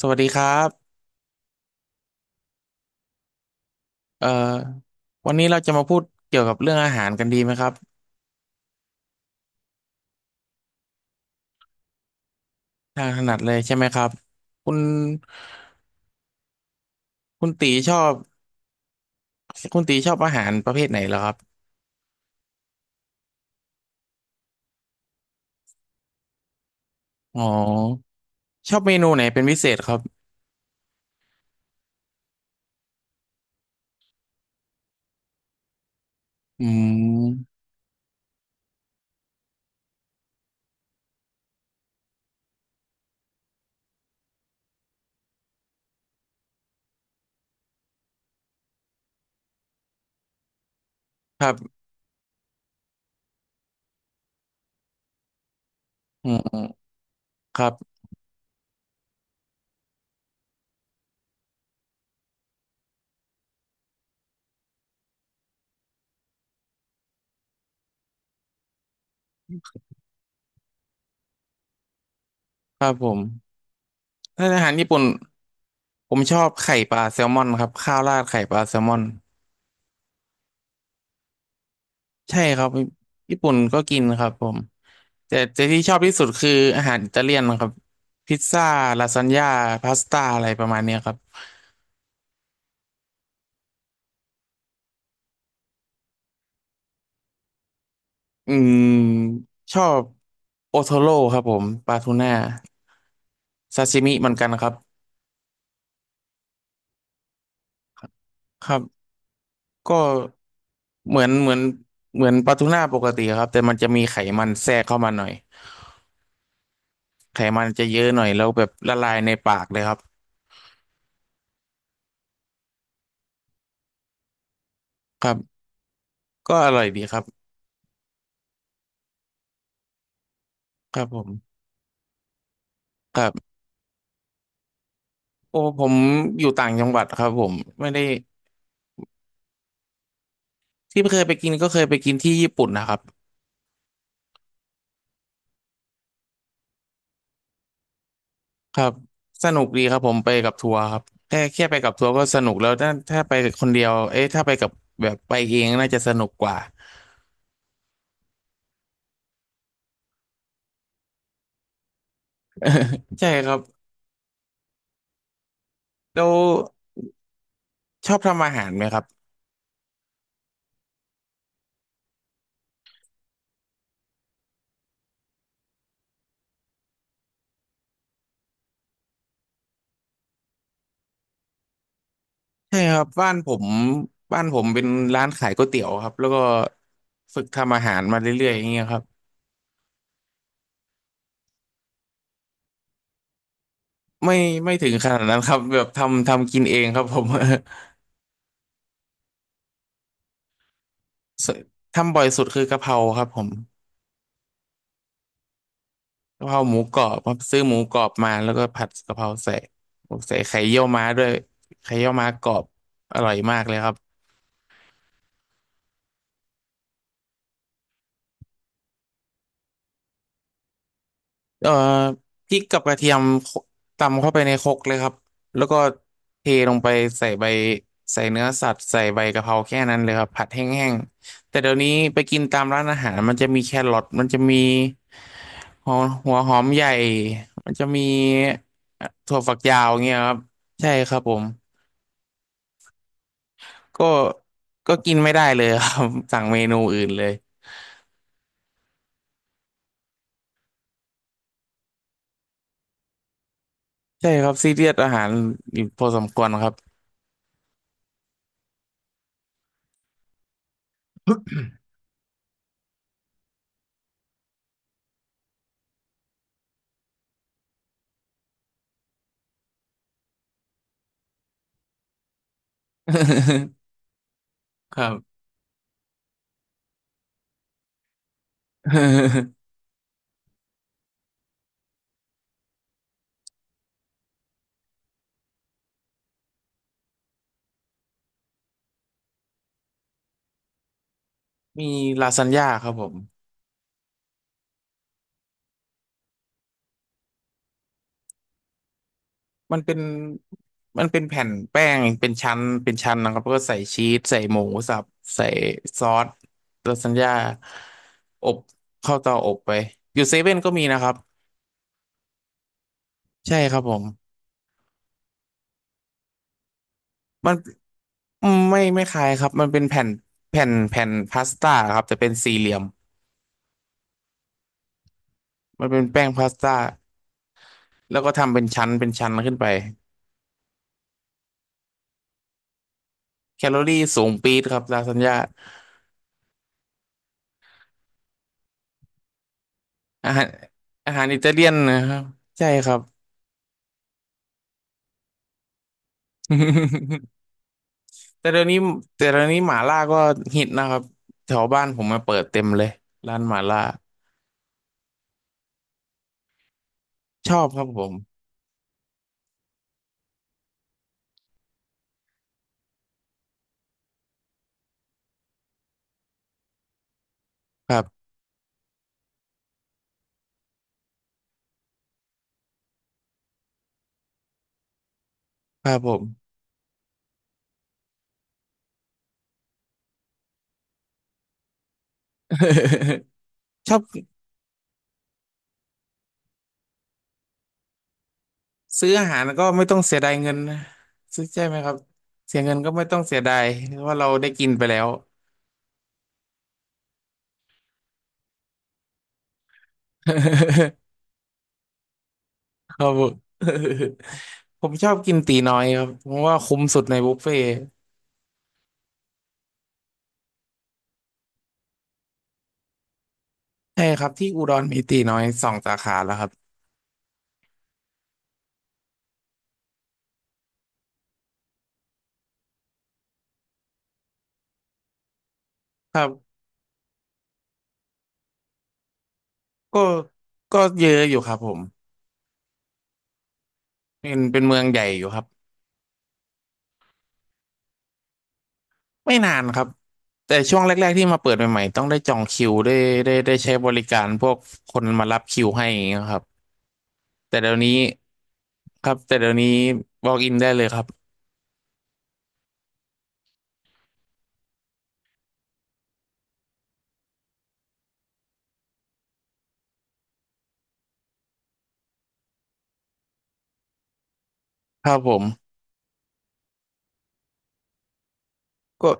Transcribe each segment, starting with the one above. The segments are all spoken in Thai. สวัสดีครับเอ่อวันนี้เราจะมาพูดเกี่ยวกับเรื่องอาหารกันดีไหมครับทางถนัดเลยใช่ไหมครับคุณคุณตีชอบคุณตีชอบอาหารประเภทไหนเหรอครับอ๋อชอบเมนูไหนเป็นพิเศษครับอืมครับอืมครับ ครับผมถ้าอาหารญี่ปุ่นผมชอบไข่ปลาแซลมอนครับข้าวราดไข่ปลาแซลมอน ใช่ครับญี่ปุ่นก็กินครับผมแต่ที่ชอบที่สุดคืออาหารอิตาเลียนครับพิซซ่าลาซานญ่าพาสต้าอะไรประมาณเนี้ยครับอืมชอบโอโทโร่ครับผมปลาทูน่าซาชิมิเหมือนกันครับครับก็เหมือนเหมือนปลาทูน่าปกติครับแต่มันจะมีไขมันแทรกเข้ามาหน่อยไขมันจะเยอะหน่อยแล้วแบบละลายในปากเลยครับครับก็อร่อยดีครับครับผม โอ้ผมอยู่ต่างจังหวัดครับผมไม่ได้ที่เคยไปกินก็เคยไปกินที่ญี่ปุ่นนะครับครับสนุกดีครับผมไปกับทัวร์ครับแค่ไปกับทัวร์ก็สนุกแล้วถ้าไปคนเดียวเอ๊ะถ้าไปกับแบบไปเองน่าจะสนุกกว่าใช่ครับแล้วชอบทำอาหารไหมครับใช่ครับบ้านผมบ้านผมเป็นร้านขายก๋วยเตี๋ยวครับแล้วก็ฝึกทำอาหารมาเรื่อยๆอย่างเงี้ยครับไม่ไม่ถึงขนาดนั้นครับแบบทำกินเองครับผม ทำบ่อยสุดคือกะเพราครับผม กะเพราหมูกรอบครับซื้อหมูกรอบมาแล้วก็ผัดกะเพราใส่ใส่ไข่เยี่ยวม้าด้วยไข่เยี่ยวม้ากรอบอร่อยมากเลยครับเอ่อพริกกับกระเทียมโคตำเข้าไปในครกเลยครับแล้วก็เทลงไปใส่ใบใส่เนื้อสัตว์ใส่ใบกะเพราแค่นั้นเลยครับผัดแห้งๆแต่เดี๋ยวนี้ไปกินตามร้านอาหารมันจะมีแครอทมันจะมีหัวหัวหอมใหญ่มันจะมีถั่วฝักยาวเงี้ยครับใช่ครับผม ก็ก็กินไม่ได้เลยครับ สั่งเมนูอื่นเลยใช่ครับซีเรียสอาหารอยู่พอสมควรครับ ครับ มีลาซานญ่าครับผมมันเป็นมันเป็นแผ่นแป้งเป็นชั้นเป็นชั้นนะครับแล้วก็ใส่ชีสใส่หมูสับใส่ซอสลาซานญ่าอบเข้าเตาอบไปอยู่เซเว่นก็มีนะครับใช่ครับผมมันอืมไม่คล้ายครับมันเป็นแผ่นแผ่นพาสต้าครับแต่เป็นสี่เหลี่ยม มันเป็นแป้งพาสต้าแล้วก็ทำเป็นชั้นเป็นชั้นขึ้นไปแคลอรี่สูงปี๊ดครับลาซานญ่าอาหารอาหารอิตาเลียนนะครับใช่ครับ แต่เดี๋ยวนี้แต่เดี๋ยวนี้หม่าล่าก็ฮิตนะครับแถวบ้านผมมาเปิดเต็มเลยร้านหม่าล่าชอบครับผมครับครับผม ชอบซื้ออาหารก็ไม่ต้องเสียดายเงินนะซื้อใช่ไหมครับเสียเงินก็ไม่ต้องเสียดายเพราะว่าเราได้กินไปแล้ว ครับผม ผมชอบกินตีน้อยครับเพราะว่าคุ้มสุดในบุฟเฟ่ต์ใช่ครับที่อุดรมีตีน้อยสองสาขาแล้วครับครับก็ก็เยอะอยู่ครับผมเป็นเมืองใหญ่อยู่ครับไม่นานครับแต่ช่วงแรกๆที่มาเปิดใหม่ๆต้องได้จองคิวได้ใช้บริการพวกคนมารับคิวให้อย่างเงี้ยครับแต่เดี๋ยวนี้ครับแต่เดี๋ยวนี้บอกอินได้เลยครับครับผมก็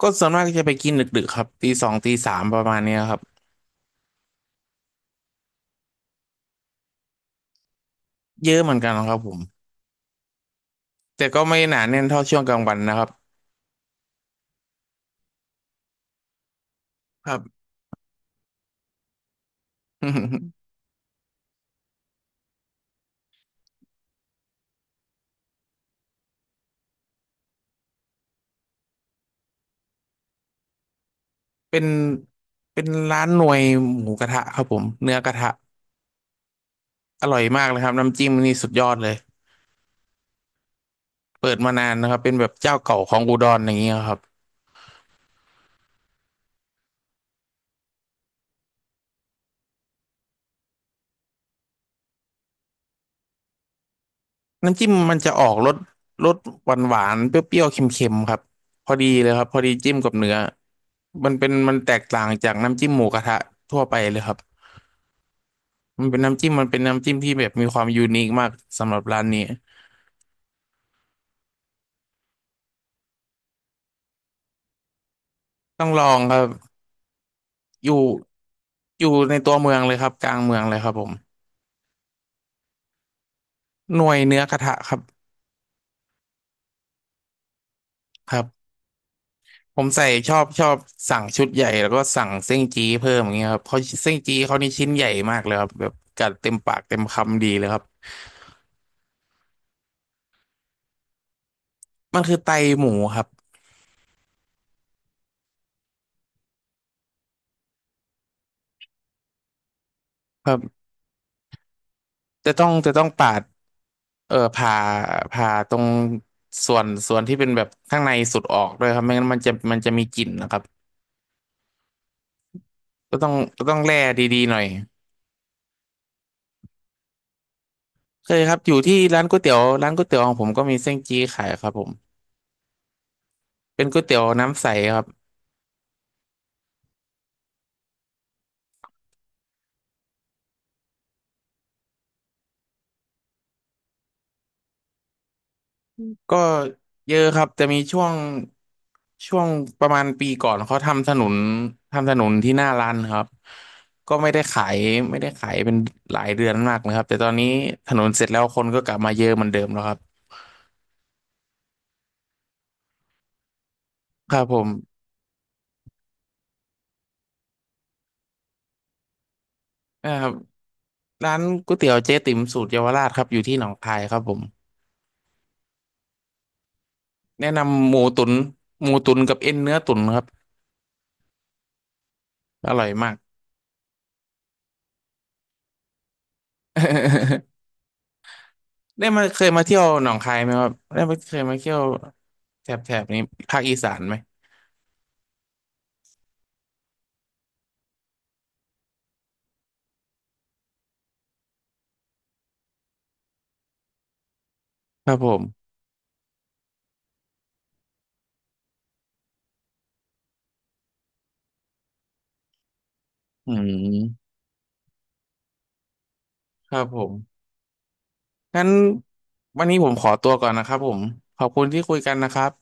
ส่วนมากจะไปกินดึกๆครับตีสองตีสามประมาณเนี้ยครับเยอะเหมือนกันครับผม แต่ก็ไม่หนาแน่นเท่าช่วงกลางวันนะครับครับ เป็นเป็นร้านหน่วยหมูกระทะครับผมเนื้อกระทะอร่อยมากเลยครับน้ำจิ้มนี่สุดยอดเลยเปิดมานานนะครับเป็นแบบเจ้าเก่าของอุดรอย่างเงี้ยครับน้ำจิ้มมันจะออกรสรสหวานหวานเปรี้ยวๆเค็มๆครับพอดีเลยครับพอดีจิ้มกับเนื้อมันเป็นมันแตกต่างจากน้ำจิ้มหมูกระทะทั่วไปเลยครับมันเป็นน้ำจิ้มที่แบบมีความยูนิคมากสำหรับร้านนี้ต้องลองครับ อยู่อยู่ในตัวเมืองเลยครับกลางเมืองเลยครับผมหน่วยเนื้อกระทะครับครับผมใส่ชอบชอบสั่งชุดใหญ่แล้วก็สั่งเส้นจี้เพิ่มอย่างเงี้ยครับเขาเส้นจี้เขานี่ชิ้นใหญ่มากเลยครับแบบกัดเต็มปากเต็มคำดีเลยครับมันคือไตหมูครับครับจะต้องปาดเออผ่าผ่าตรงส่วนที่เป็นแบบข้างในสุดออกด้วยครับไม่งั้นมันจะมีกลิ่นนะครับก็ต้องแล่ดีๆหน่อยเคยครับอยู่ที่ร้านก๋วยเตี๋ยวร้านก๋วยเตี๋ยวของผมก็มีเส้นจี้ขายครับผม เป็นก๋วยเตี๋ยวน้ำใสครับก็เยอะครับจะมีช่วงประมาณปีก่อนเขาทำถนนทำถนนที่หน้าร้านครับก็ไม่ได้ขายเป็นหลายเดือนมากนะครับแต่ตอนนี้ถนนเสร็จแล้วคนก็กลับมาเยอะเหมือนเดิมแล้วครับครับผมนะครับร้านก๋วยเตี๋ยวเจ๊ติ๋มสูตรเยาวราชครับอยู่ที่หนองคายครับผมแนะนำหมูตุ๋นหมูตุ๋นกับเอ็นเนื้อตุ๋นครับอร่อยมาก ได้มาเคยมาเที่ยวหนองคายไหมครับได้มาเคยมาเที่ยวแถบนี้ภาคอีสานไหมครับผมอืมครับผมงั้นวันนี้ผมขอตัวก่อนนะครับผมขอบคุณที่คุยกันนะครับ